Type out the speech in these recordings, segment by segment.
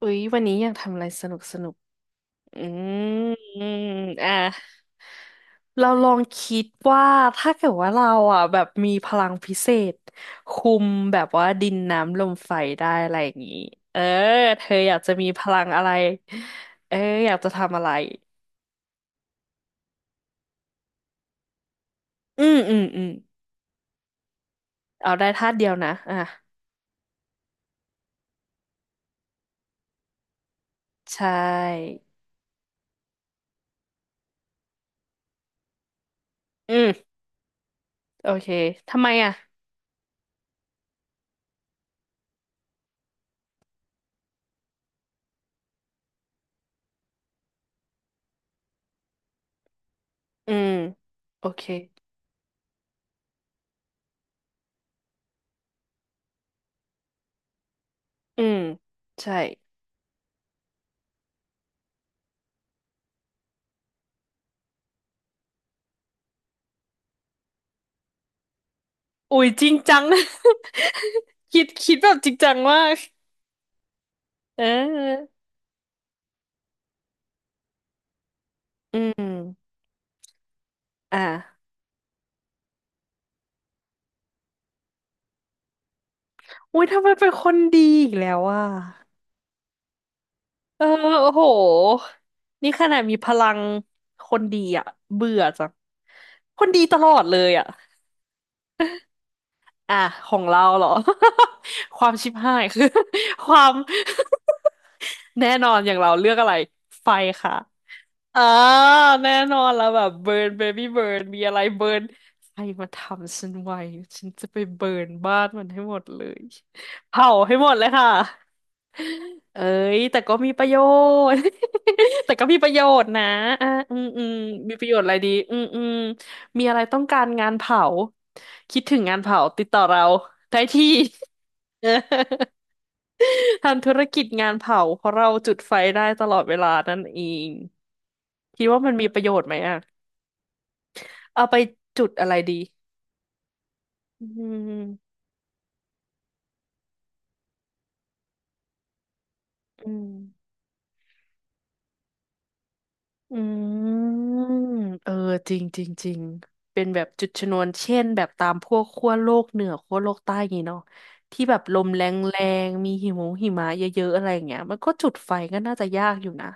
อุ๊ยวันนี้อยากทำอะไรสนุกสนุกอืมอ่ะเราลองคิดว่าถ้าเกิดว่าเราอ่ะแบบมีพลังพิเศษคุมแบบว่าดินน้ำลมไฟได้อะไรอย่างนี้เออเธออยากจะมีพลังอะไรเอออยากจะทำอะไรอืมอืมอืมเอาได้ธาตุเดียวนะอ่ะใช่อืมโอเคทำไมอ่ะอืมโอเคอืมใช่อุ๊ยจริงจัง คิดแบบจริงจังมาก เอออืมอ่ะอุ้ยทำไมเป็นคนดีอีกแล้วอ่ะเออโอ้โหนี่ขนาดมีพลังคนดีอ่ะเบื่อจัง คนดีตลอดเลยอ่ะอ่ะ ของเราเหรอ ความชิบหายคือ ความ แน่นอนอย่างเราเลือกอะไร ไฟค่ะ อ่าแน่นอนแล้วแบบเบิร์นเบบี้เบิร์นมีอะไรเบิร์นใครมาทำฉันไว้ฉันจะไปเบิร์นบ้านมันให้หมดเลยเผาให้หมดเลยค่ะเอ้ยแต่ก็มีประโยชน์ แต่ก็มีประโยชน์นะอ่ามีประโยชน์อะไรดีมีอะไรต้องการงานเผาคิดถึงงานเผาติดต่อเราได้ที่ ทำธุรกิจงานเผาเพราะเราจุดไฟได้ตลอดเวลานั่นเองคิดว่ามันมีประโยชน์ไหมอ่ะเอาไปจุดอะไรดีอืมอืมอืมเออจริงจริงจริงเป็นแบบจุดชนวนเช่นแบบตามพวกขั้วโลกเหนือขั้วโลกใต้อย่างงี้เนาะที่แบบลมแรงแรงมีหิมะหิมะเยอะๆอะไรอย่างเงี้ยมันก็จุดไฟก็น่าจะยากอยู่นะ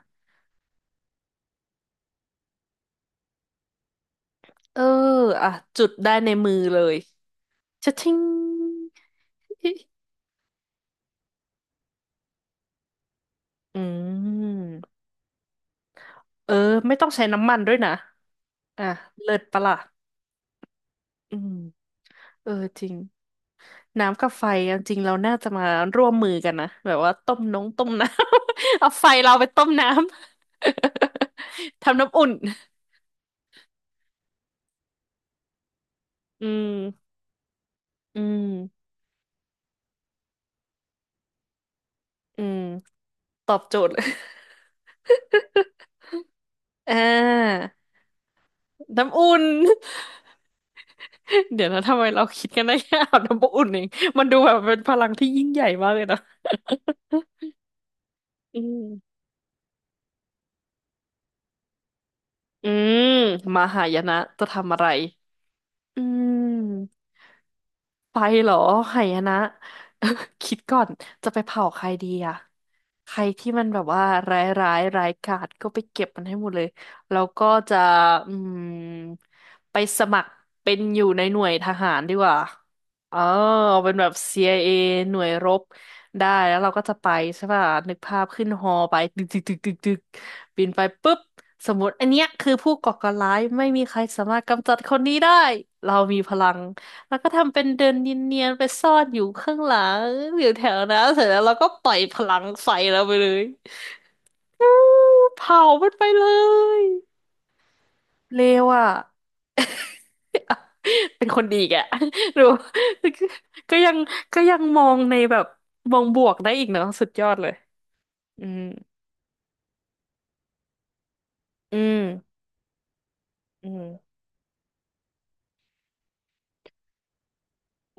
เอออ่ะจุดได้ในมือเลยชะทิ้งอืม เออไม่ต้องใช้น้ำมันด้วยนะอ่ะเลิศปะล่ะอืมเออจริงน้ำกับไฟอะจริงเราน่าจะมาร่วมมือกันนะแบบว่าต้มน้องต้มน้ำ เอาไฟเราไปต้มน้ำ ทำน้ำอุ่นอืมอืมอืมตอบโจทย์ เลยอ่าน้ำอุ่น เดี๋ยวนะทำไมเราคิดกันได้แค่อาบน้ำอุ่นเองมันดูแบบเป็นพลังที่ยิ่งใหญ่มากเลยนะอืมอืมมหายนะจะทำอะไรอืม ไปเหรอหายนะ คิดก่อนจะไปเผาใครดีอะใครที่มันแบบว่าร้ายร้ายกาจก็ไปเก็บมันให้หมดเลยแล้วก็จะอืมไปสมัครเป็นอยู่ในหน่วยทหารดีกว่าเออเป็นแบบ CIA หน่วยรบได้แล้วเราก็จะไปใช่ป่ะนึกภาพขึ้นฮอไปตึกตึกตึกตึกตึกบินไปปุ๊บสมมติอันเนี้ยคือผู้ก่อการร้ายไม่มีใครสามารถกำจัดคนนี้ได้เรามีพลัง แล้วก็ทำเป็นเดินเนียนๆไปซ่อนอยู่ข้างหลังอยู่แถวนั้นเสร็จแล้วเราก็ปล่อยพลังใส่เราไปเลยอู้เผามันไปเลยเลวอ่ะ เป็นคนดีอีกอะ ดูก็ยังก็ยังมองในแบบมองบวกได้อีกเนาะสุดยอดเลยอืมอืมอืม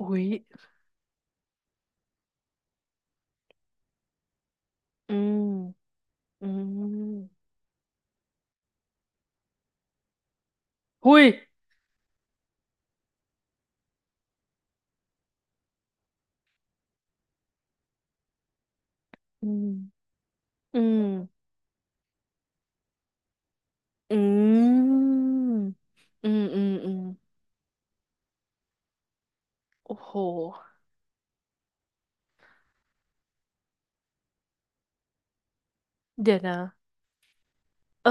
อุ้ยอืมอืมหุยอืมอืมอืมอืมอืมอืมโอ้โห เดี๋ยวนะเออ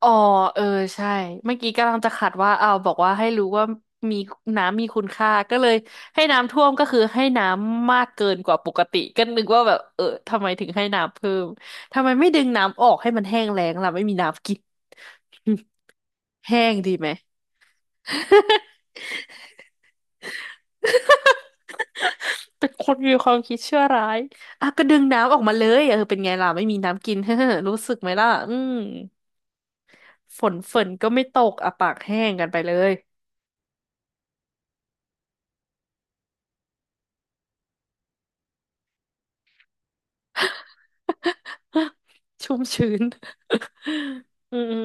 อ๋อเออใช่เมื่อกี้กำลังจะขัดว่าเอาวบอกว่าให้รู้ว่ามีน้ำมีคุณค่าก็เลยให้น้ำท่วมก็คือให้น้ำมากเกินกว่าปกติก็นึกว่าแบบเออทำไมถึงให้น้ำเพิ่มทำไมไม่ดึงน้ำออกให้มันแห้งแล้งล่ะไม่มีน้ำกิน แห้งดีไหมเป็นคนมีความคิดชั่วร้ายอ่ะก็ดึงน้ำออกมาเลยเออเป็นไงล่ะไม่มีน้ำกิน เฮ้อรู้สึกไหมล่ะอืมฝนก็ไม่ตกอ่ะปากแห้งกันไปเลย ชุ่มชื้น อืม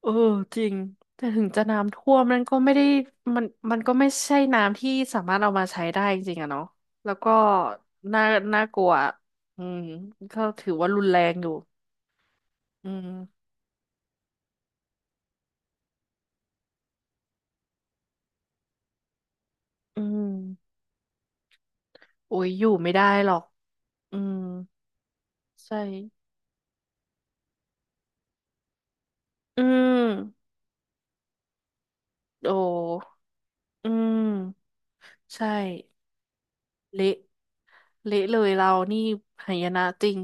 เออจริงแต่ถึงจะน้ำท่วมนั่นก็ไม่ได้มันก็ไม่ใช่น้ำที่สามารถเอามาใช้ได้จริงๆอะเนาะแล้วก็น่ากลัวอืมก็ถือว่ารุนแรงอยู่อืมอืมโอ้ยอยู่ไม่ได้หรอกอืมใช่อืมโอ้อืมใช่เละเละเลยเรานี่หายนะจริง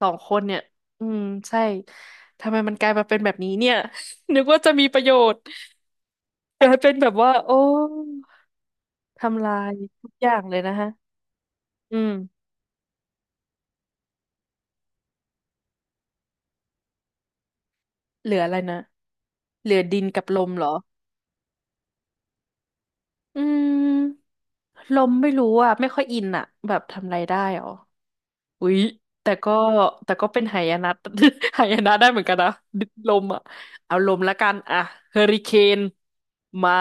สองคนเนี่ย อืมใช่ ทำไมมันกลายมาเป็นแบบนี้เนี่ย นึกว่าจะมีประโยชน์กลายเป็นแบบว่า โอ้ ทำลายทุกอย่างเลยนะฮะ อืมเหลืออะไรนะเหลือดินกับลมเหรอ อืมลมไม่รู้อ่ะ ไม่ค่อยอินอ่ะแบบทำอะไรได้หรอ อุ๊ยแต่ก็แต่ก็เป็นหายนะ หายนะ ได้เหมือนกันนะลมอ่ะเอาลมละกันอ่ะเฮอริเคนมา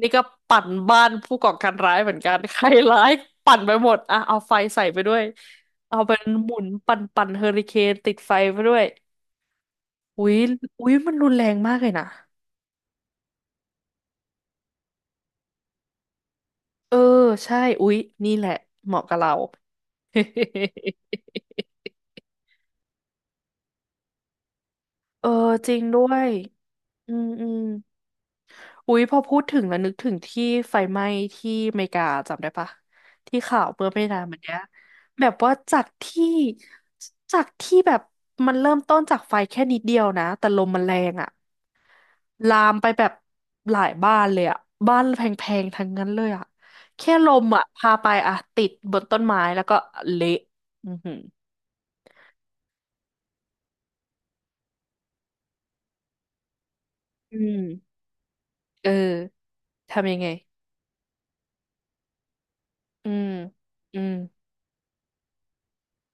นี่ก็ปั่นบ้านผู้ก่อการร้ายเหมือนกันใครร้ายปั่นไปหมดอ่ะเอาไฟใส่ไปด้วยเอาเป็นหมุนปั่นเฮอริเคนติดไฟไปด้วยอุ๊ยอุ๊ยมันรุนแรงมากเลยนะเออใช่อุ๊ยนี่แหละเหมาะกับเรา เออจริงด้วยอืมอืม อุ๊ยพอพูดถึงแล้วนึกถึงที่ไฟไหม้ที่อเมริกาจำได้ปะที่ข่าวเมื่อไม่นานมาเนี้ยแบบว่าจากที่จากที่แบบมันเริ่มต้นจากไฟแค่นิดเดียวนะแต่ลมมันแรงอะลามไปแบบหลายบ้านเลยอะบ้านแพงๆทั้งนั้นเลยอะแค่ลมอะพาไปอะติดบนต้นไม้แล้วก็เละอือหืออืมเออทำยังไงอืมอืม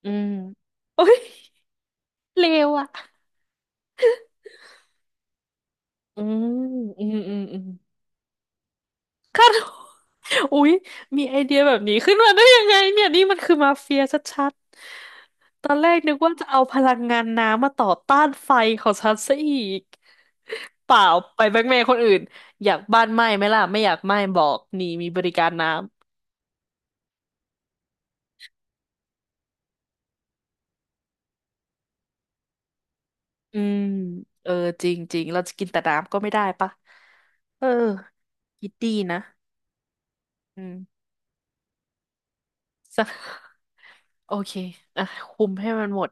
อืมโอ๊ย เลวอะ อืมอืมอืมอืมอุ๊ยมีไอเดียแบบนี้ขึ้นมาได้ยังไงเนี่ยนี่มันคือมาเฟียชัดๆตอนแรกนึกว่าจะเอาพลังงานน้ำมาต่อต้านไฟของฉันซะอีกเปล่าไปแบล็กเมย์คนอื่นอยากบ้านไหม้ไหมล่ะไม่อยากไหม้บอกนี่มีบริการน้ำอืมเออจริงจริงเราจะกินแต่น้ำก็ไม่ได้ปะเออคิดดีนะอืม โอเคอ่ะคุมให้มันหมด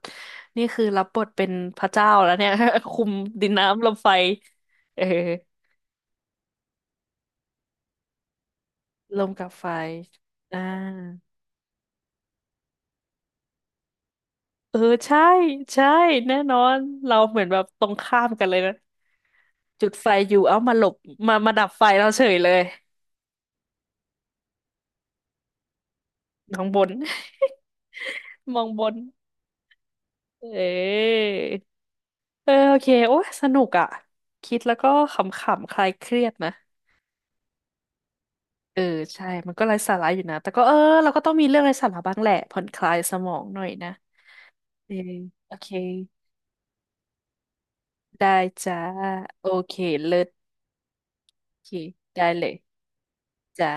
นี่คือรับบทเป็นพระเจ้าแล้วเนี่ย คุมดินน้ำลมไฟ เออลมกับไฟอ่าเออ ใช่ ใช่ แน่นอน เราเหมือนแบบตรงข้ามกันเลยนะ จุดไฟอยู่ เอามาหลบมาดับไฟเราเฉยเลย มองบน มองบน เอออโอเค โอ้ยสนุกอ่ะคิดแล้วก็ขำๆคลายเครียดนะ เออใช่มันก็ไร้สาระอยู่นะแต่ก็เออเราก็ต้องมีเรื่องไร้สาระบ้างแหละผ่อนคลายสมองหน่อยนะเออโอเคได้จ้าโอเคเลิศโอเคได้เลยจ้า